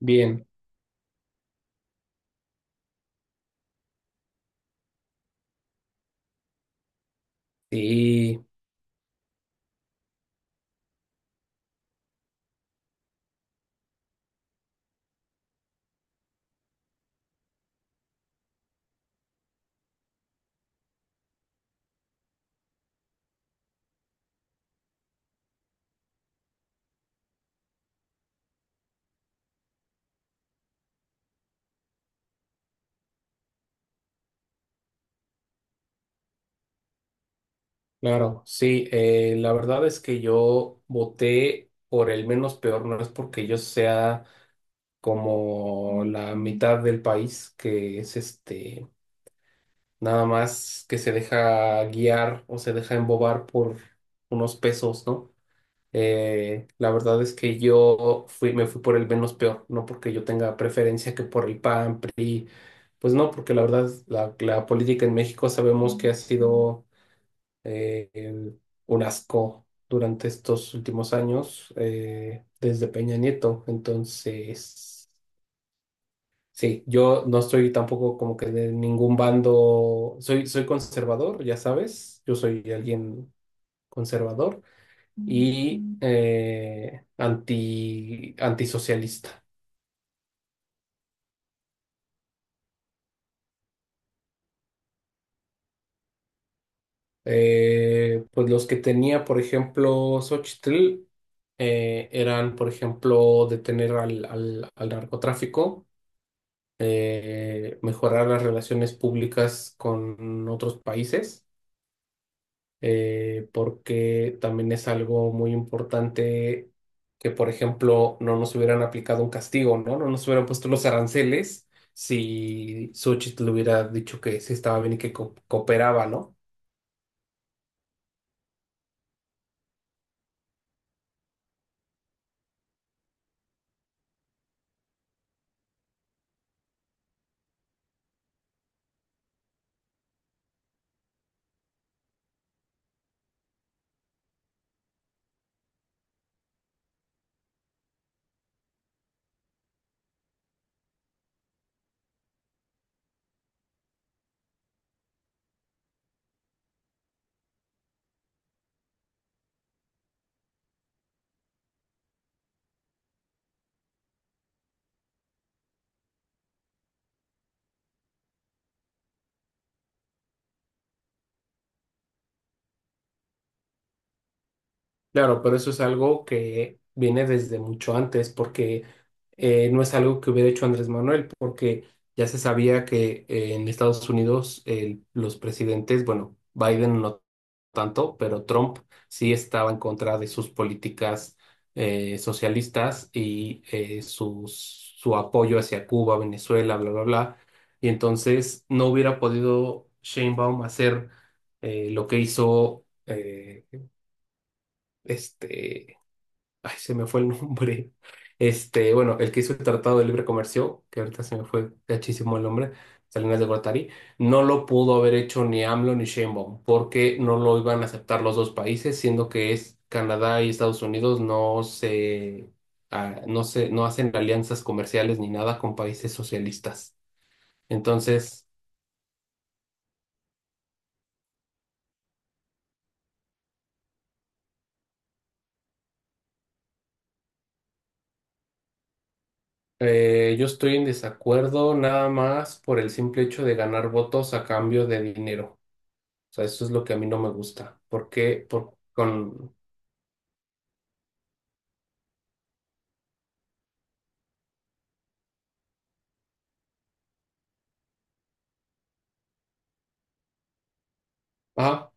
Bien, sí, claro, sí, la verdad es que yo voté por el menos peor, no es porque yo sea como la mitad del país que es este, nada más que se deja guiar o se deja embobar por unos pesos, ¿no? La verdad es que me fui por el menos peor, no porque yo tenga preferencia que por el PAN, PRI, pues no, porque la verdad la política en México sabemos que ha sido eh, em, un asco durante estos últimos años desde Peña Nieto. Entonces, sí, yo no estoy tampoco como que de ningún bando, soy conservador, ya sabes, yo soy alguien conservador y antisocialista. Pues los que tenía, por ejemplo, Xochitl, eran, por ejemplo, detener al narcotráfico, mejorar las relaciones públicas con otros países, porque también es algo muy importante que, por ejemplo, no nos hubieran aplicado un castigo, ¿no? No nos hubieran puesto los aranceles si Xochitl hubiera dicho que sí estaba bien y que cooperaba, ¿no? Claro, pero eso es algo que viene desde mucho antes, porque no es algo que hubiera hecho Andrés Manuel, porque ya se sabía que en Estados Unidos los presidentes, bueno, Biden no tanto, pero Trump sí estaba en contra de sus políticas socialistas y su apoyo hacia Cuba, Venezuela, bla, bla, bla. Y entonces no hubiera podido Sheinbaum hacer lo que hizo. Este Ay, se me fue el nombre. Bueno, el que hizo el Tratado de Libre Comercio, que ahorita se me fue gachísimo el nombre, Salinas de Gortari, no lo pudo haber hecho ni AMLO ni Sheinbaum, porque no lo iban a aceptar los dos países, siendo que es Canadá y Estados Unidos no se, no hacen alianzas comerciales ni nada con países socialistas. Entonces, yo estoy en desacuerdo nada más por el simple hecho de ganar votos a cambio de dinero. O sea, eso es lo que a mí no me gusta. Porque Por, con ah,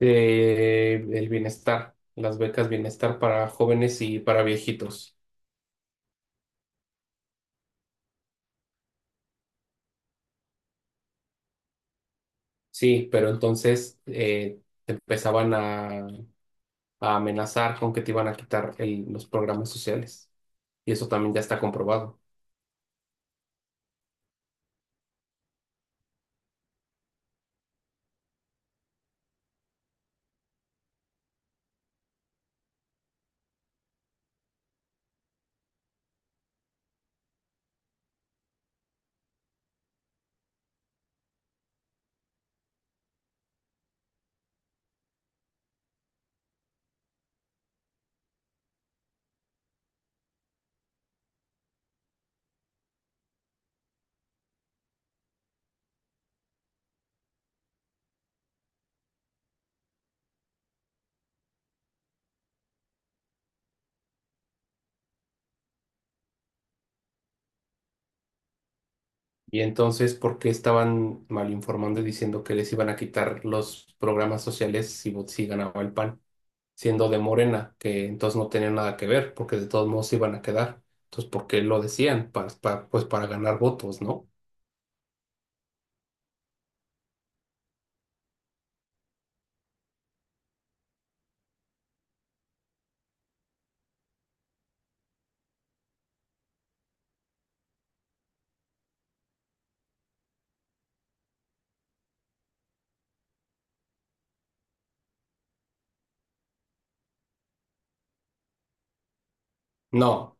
El bienestar, las becas bienestar para jóvenes y para viejitos. Sí, pero entonces a amenazar con que te iban a quitar los programas sociales. Y eso también ya está comprobado. Y entonces, ¿por qué estaban mal informando y diciendo que les iban a quitar los programas sociales si, si ganaba el PAN, siendo de Morena, que entonces no tenían nada que ver, porque de todos modos se iban a quedar? Entonces, ¿por qué lo decían? Pues para ganar votos, ¿no? No,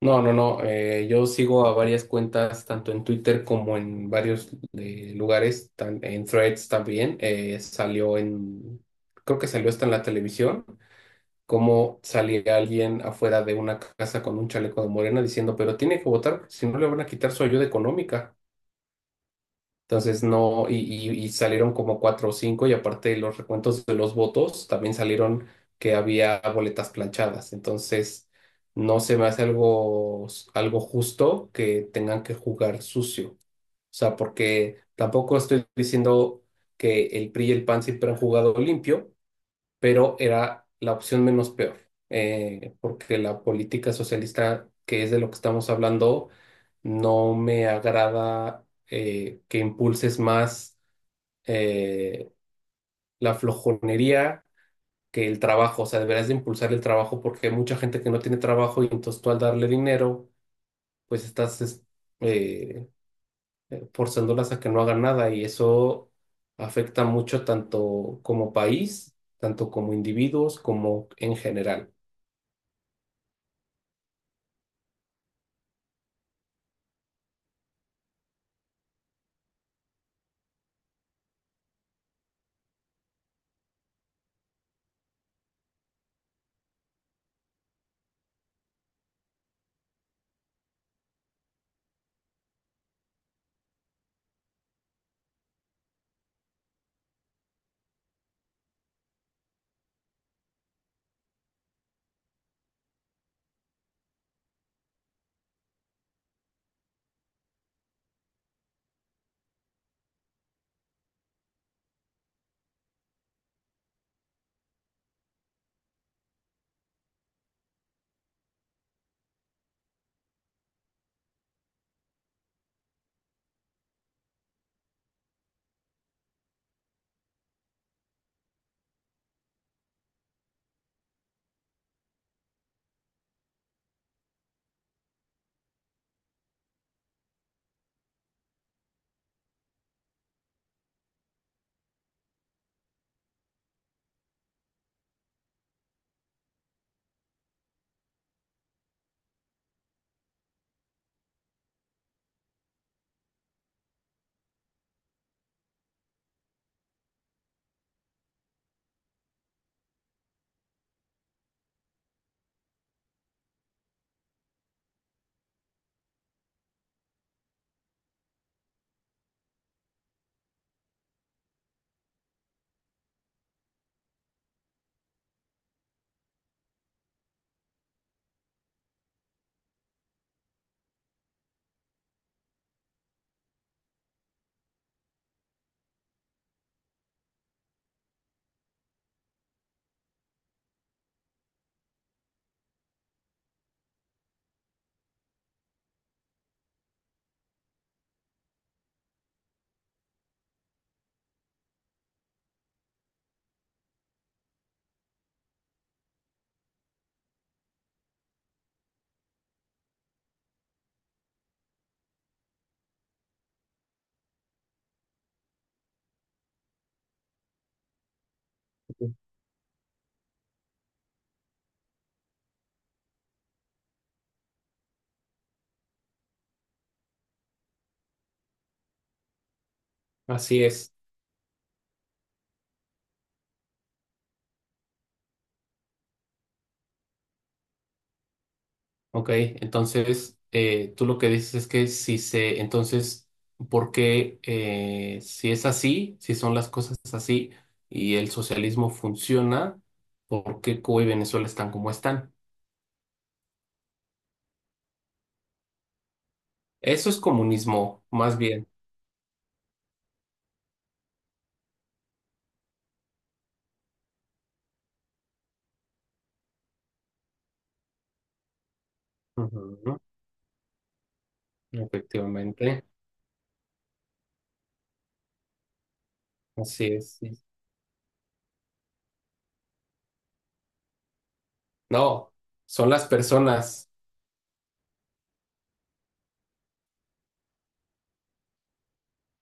no. Yo sigo a varias cuentas, tanto en Twitter como en varios lugares, en Threads también. Creo que salió hasta en la televisión, como salía alguien afuera de una casa con un chaleco de Morena diciendo, pero tiene que votar, porque si no le van a quitar su ayuda económica. Entonces no, y salieron como cuatro o cinco, y aparte de los recuentos de los votos también salieron que había boletas planchadas. Entonces, no se me hace algo justo que tengan que jugar sucio. O sea, porque tampoco estoy diciendo que el PRI y el PAN siempre han jugado limpio, pero era la opción menos peor, porque la política socialista, que es de lo que estamos hablando, no me agrada que impulses más eh, la flojonería que el trabajo. O sea, deberás de impulsar el trabajo porque hay mucha gente que no tiene trabajo, y entonces tú, al darle dinero, pues eh, forzándolas a que no hagan nada, y eso afecta mucho tanto como país, tanto como individuos, como en general. Así es. Ok, entonces, tú lo que dices es que si se, entonces, ¿por qué, si es así, si son las cosas así y el socialismo funciona, por qué Cuba y Venezuela están como están? Eso es comunismo, más bien. Ujú. Efectivamente, así es. Sí. No, son las personas.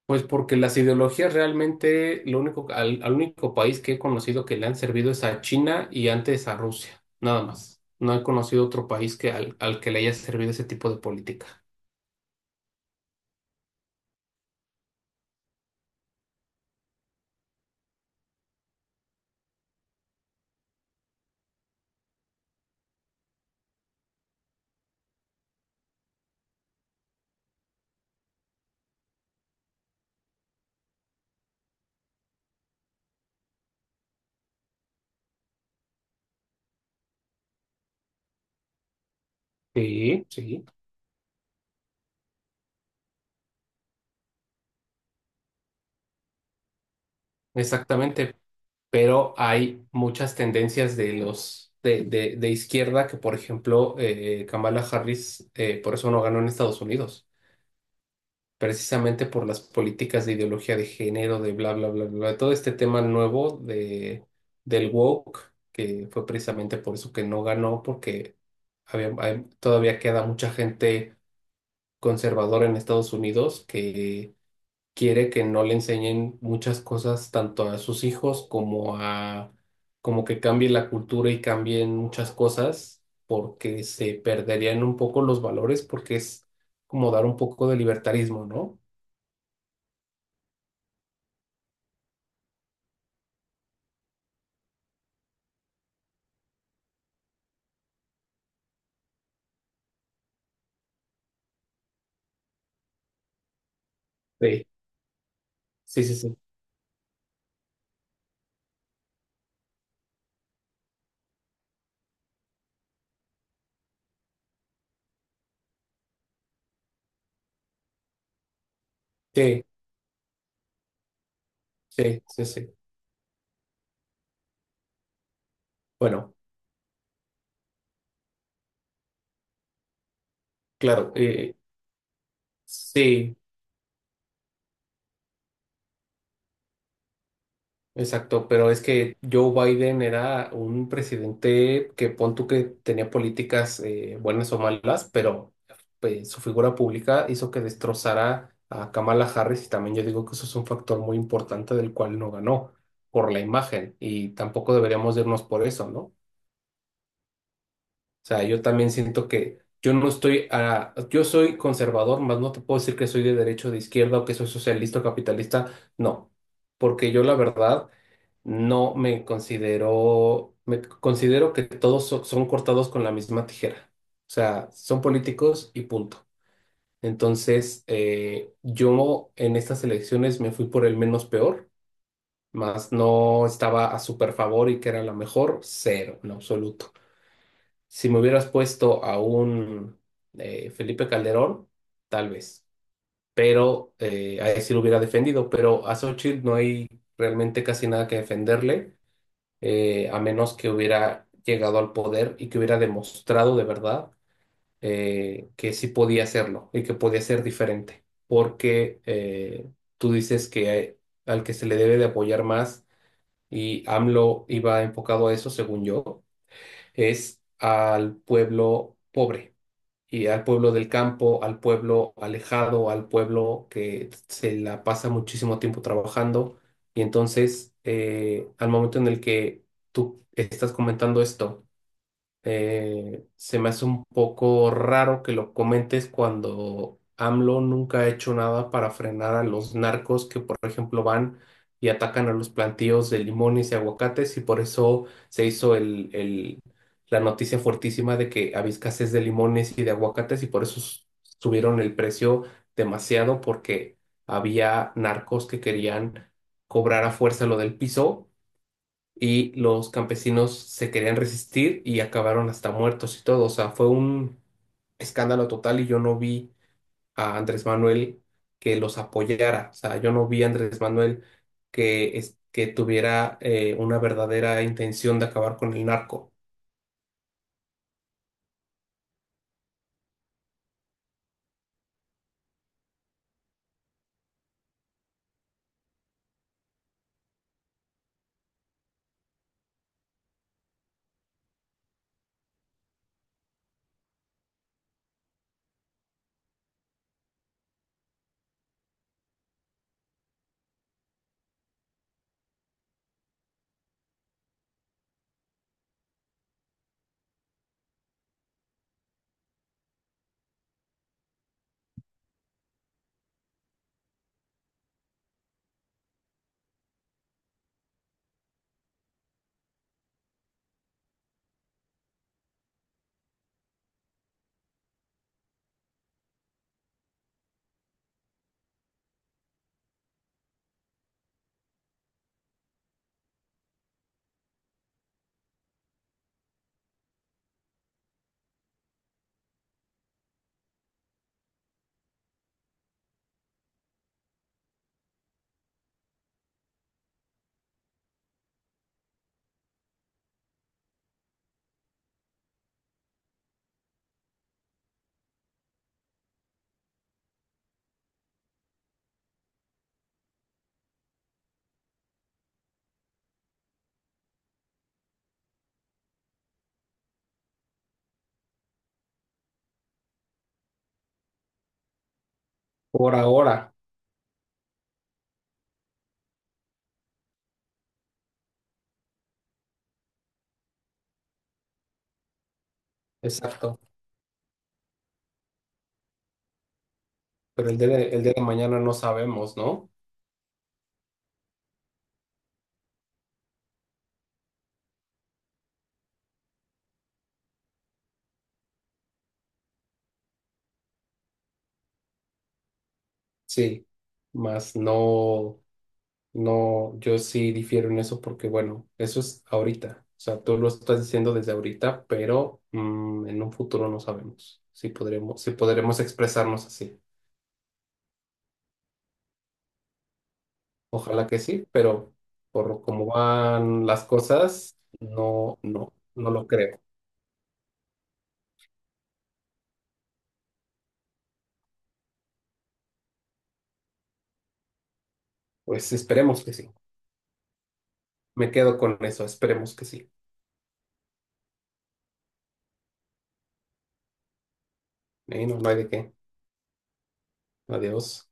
Pues porque las ideologías realmente, lo único, al único país que he conocido que le han servido es a China y antes a Rusia, nada más. No he conocido otro país que al que le haya servido ese tipo de política. Sí, sí, exactamente. Pero hay muchas tendencias de de izquierda que, por ejemplo, Kamala Harris, por eso no ganó en Estados Unidos, precisamente por las políticas de ideología de género, de bla, bla, bla, bla, todo este tema nuevo del woke, que fue precisamente por eso que no ganó, porque todavía queda mucha gente conservadora en Estados Unidos que quiere que no le enseñen muchas cosas tanto a sus hijos como que cambie la cultura y cambien muchas cosas, porque se perderían un poco los valores, porque es como dar un poco de libertarismo, ¿no? Sí. Sí, sí, sí, sí, sí, sí, sí. Bueno, claro, eh, sí, exacto, pero es que Joe Biden era un presidente que pon tú que tenía políticas buenas o malas, pero pues su figura pública hizo que destrozara a Kamala Harris, y también yo digo que eso es un factor muy importante del cual no ganó, por la imagen, y tampoco deberíamos irnos por eso, ¿no? O sea, yo también siento que yo soy conservador, más no te puedo decir que soy de derecha o de izquierda, o que soy socialista o capitalista, no, porque yo la verdad no me considero, me considero que son cortados con la misma tijera. O sea, son políticos y punto. Entonces, yo en estas elecciones me fui por el menos peor, más no estaba a súper favor y que era la mejor, cero, en absoluto. Si me hubieras puesto a un Felipe Calderón, tal vez, pero a él sí lo hubiera defendido, pero a Xochitl no hay realmente casi nada que defenderle, a menos que hubiera llegado al poder y que hubiera demostrado de verdad que sí podía hacerlo y que podía ser diferente, porque tú dices que al que se le debe de apoyar más, y AMLO iba enfocado a eso, según yo, es al pueblo pobre y al pueblo del campo, al pueblo alejado, al pueblo que se la pasa muchísimo tiempo trabajando. Y entonces, al momento en el que tú estás comentando esto, se me hace un poco raro que lo comentes cuando AMLO nunca ha hecho nada para frenar a los narcos que, por ejemplo, van y atacan a los plantíos de limones y aguacates, y por eso se hizo la noticia fuertísima de que había escasez de limones y de aguacates, y por eso subieron el precio demasiado porque había narcos que querían cobrar a fuerza lo del piso, y los campesinos se querían resistir y acabaron hasta muertos y todo. O sea, fue un escándalo total, y yo no vi a Andrés Manuel que los apoyara. O sea, yo no vi a Andrés Manuel que, que tuviera una verdadera intención de acabar con el narco. Por ahora, exacto. Pero el día el día de mañana no sabemos, ¿no? Sí, más no. No, yo sí difiero en eso porque, bueno, eso es ahorita. O sea, tú lo estás diciendo desde ahorita, pero mm, en un futuro no sabemos si podremos, si podremos expresarnos así. Ojalá que sí, pero por cómo van las cosas, no lo creo. Pues esperemos que sí. Me quedo con eso, esperemos que sí. No, no hay de qué. Adiós.